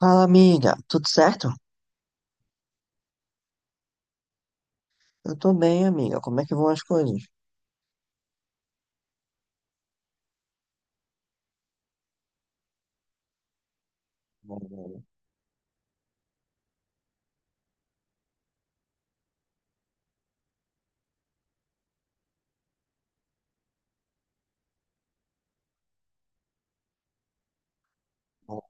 Fala, amiga. Tudo certo? Eu tô bem, amiga. Como é que vão as coisas? Bom, bom, bom.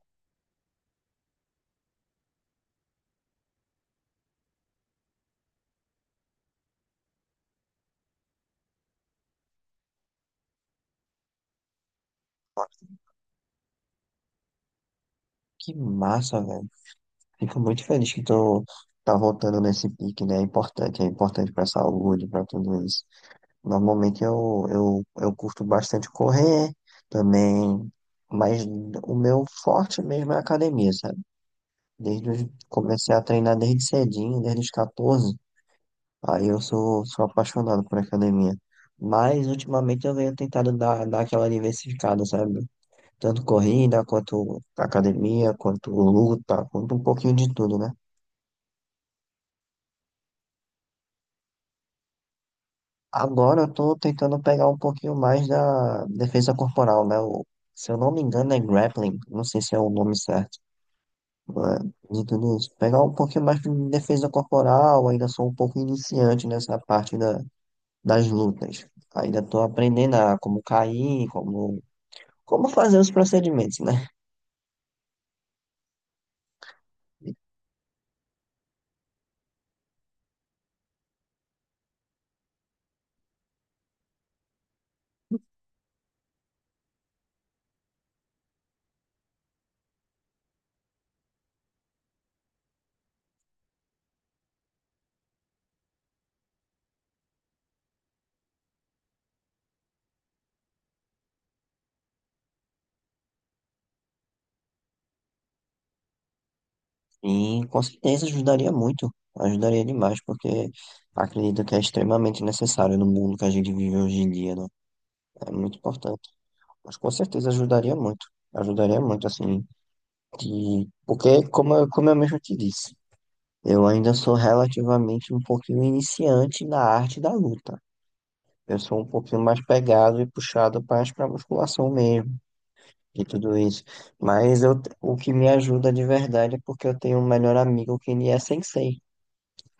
Que massa, velho. Fico muito feliz que tu tá voltando nesse pique, né? É importante pra saúde, pra tudo isso. Normalmente eu curto bastante correr também, mas o meu forte mesmo é a academia, sabe? Desde, comecei a treinar desde cedinho, desde os 14. Aí eu sou, sou apaixonado por academia. Mas ultimamente eu venho tentado dar aquela diversificada, sabe? Tanto corrida, quanto academia, quanto luta, quanto um pouquinho de tudo, né? Agora eu tô tentando pegar um pouquinho mais da defesa corporal, né? Se eu não me engano é grappling, não sei se é o nome certo, né? De tudo isso. Pegar um pouquinho mais de defesa corporal, ainda sou um pouco iniciante nessa parte da, das lutas. Ainda tô aprendendo a como cair, como fazer os procedimentos, né? E com certeza ajudaria muito, ajudaria demais, porque acredito que é extremamente necessário no mundo que a gente vive hoje em dia, né? É muito importante. Mas com certeza ajudaria muito, assim, de... porque, como eu mesmo te disse, eu ainda sou relativamente um pouquinho iniciante na arte da luta. Eu sou um pouquinho mais pegado e puxado mais para musculação mesmo de tudo isso. Mas eu, o que me ajuda de verdade é porque eu tenho um melhor amigo que ele é sensei.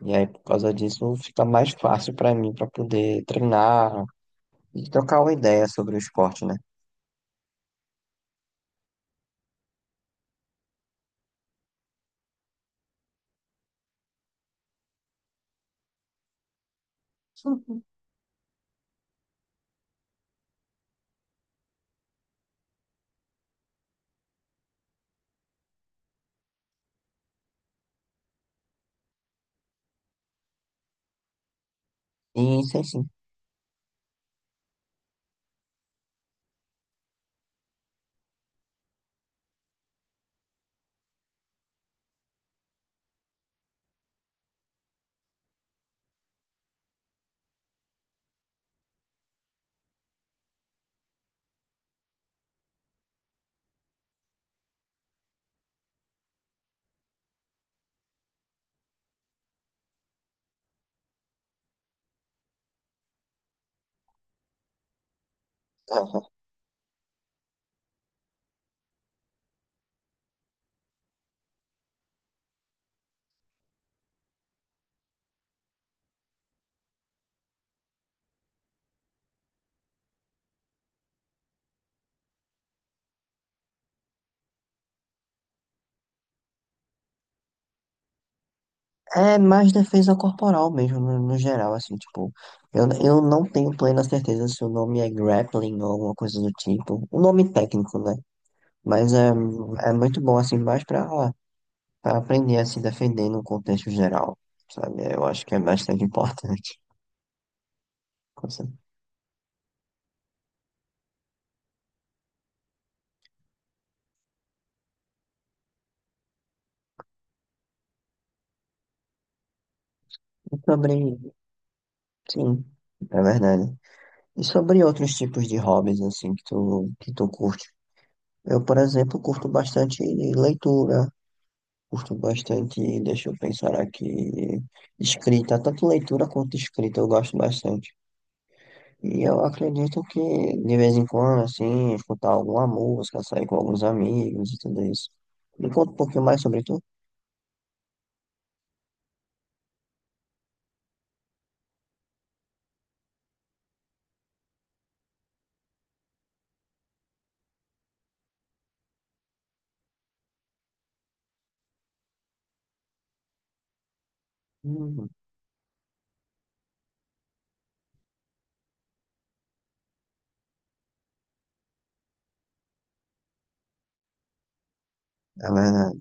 E aí, por causa disso, fica mais fácil para mim para poder treinar e trocar uma ideia sobre o esporte, né? E isso sim. Aham. É mais defesa corporal mesmo, no geral, assim, tipo, eu não tenho plena certeza se o nome é grappling ou alguma coisa do tipo, o nome técnico, né? Mas é, é muito bom, assim, mais pra pra aprender a se defender no contexto geral, sabe? É, eu acho que é bastante importante. Com certeza. E sobre, sim, é verdade. E sobre outros tipos de hobbies, assim, que tu curte? Eu, por exemplo, curto bastante leitura, curto bastante, deixa eu pensar aqui, escrita, tanto leitura quanto escrita, eu gosto bastante. E eu acredito que, de vez em quando, assim, escutar alguma música, sair com alguns amigos e tudo isso. Me conta um pouquinho mais sobre tu. Hum. É verdade.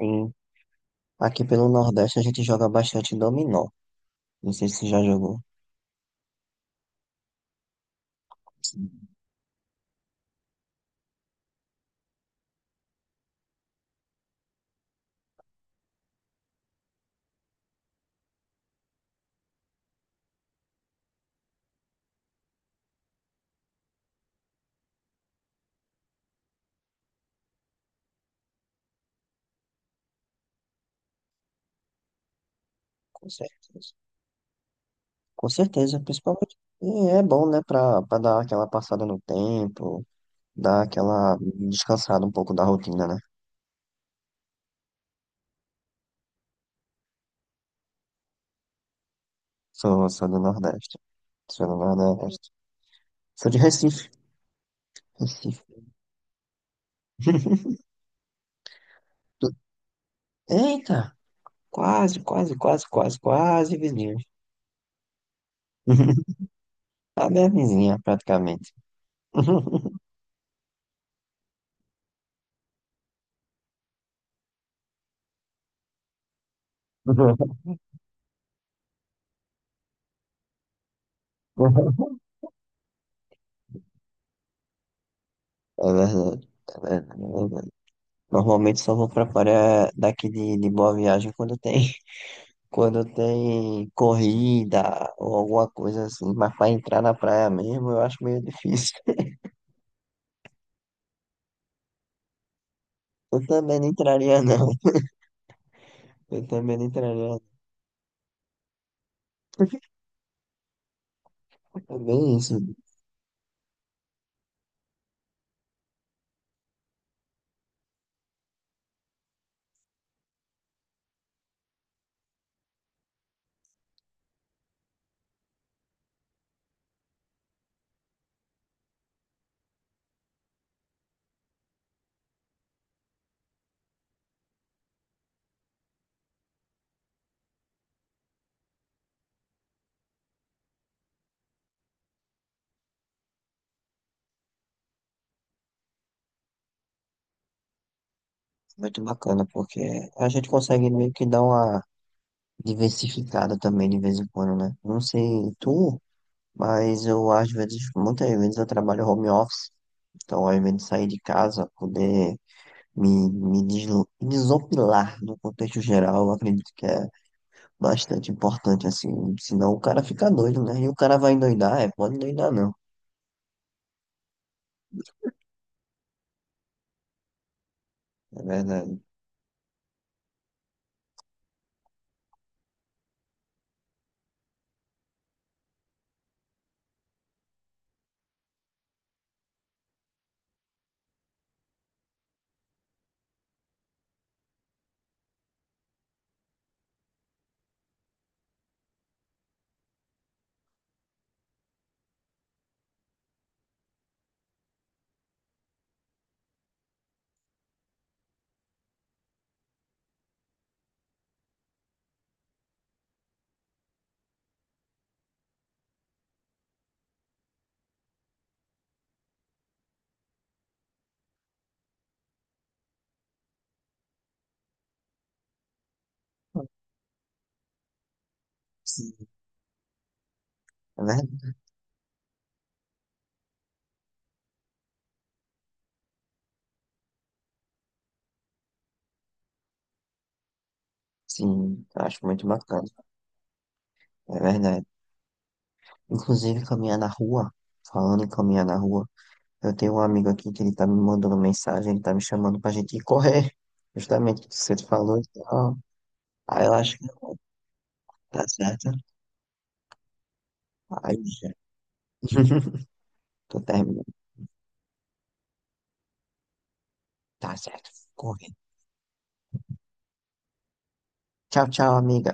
Sim. Aqui pelo Nordeste a gente joga bastante dominó. Não sei se já jogou. Sim. Com certeza. Com certeza, principalmente. E é bom, né, pra dar aquela passada no tempo, dar aquela descansada um pouco da rotina, né? Sou, sou do Nordeste. Sou do Nordeste. Sou de Recife. Recife. Tu- Eita! Quase, quase, quase, quase, quase vizinha. A minha vizinha, praticamente. É verdade. É verdade. Normalmente só vou pra praia daqui de Boa Viagem quando tem, quando tem corrida ou alguma coisa assim, mas para entrar na praia mesmo eu acho meio difícil. Eu também não entraria não, eu também não entraria não. É bem isso, muito bacana, porque a gente consegue meio que dar uma diversificada também de vez em quando, né? Não sei tu, mas eu às vezes, muitas vezes eu trabalho home office, então ao invés de sair de casa, poder me desopilar no contexto geral, eu acredito que é bastante importante, assim, senão o cara fica doido, né? E o cara vai endoidar, é, pode endoidar não, é verdade. Sim. É verdade, sim, eu acho muito bacana, é verdade. Inclusive, caminhar na rua, falando em caminhar na rua, eu tenho um amigo aqui que ele tá me mandando mensagem, ele tá me chamando pra gente ir correr, justamente o que você falou e tal. Aí eu acho que tá certo. Aí já. Tô terminando. Tá certo. Corre. Tchau, tchau, amiga.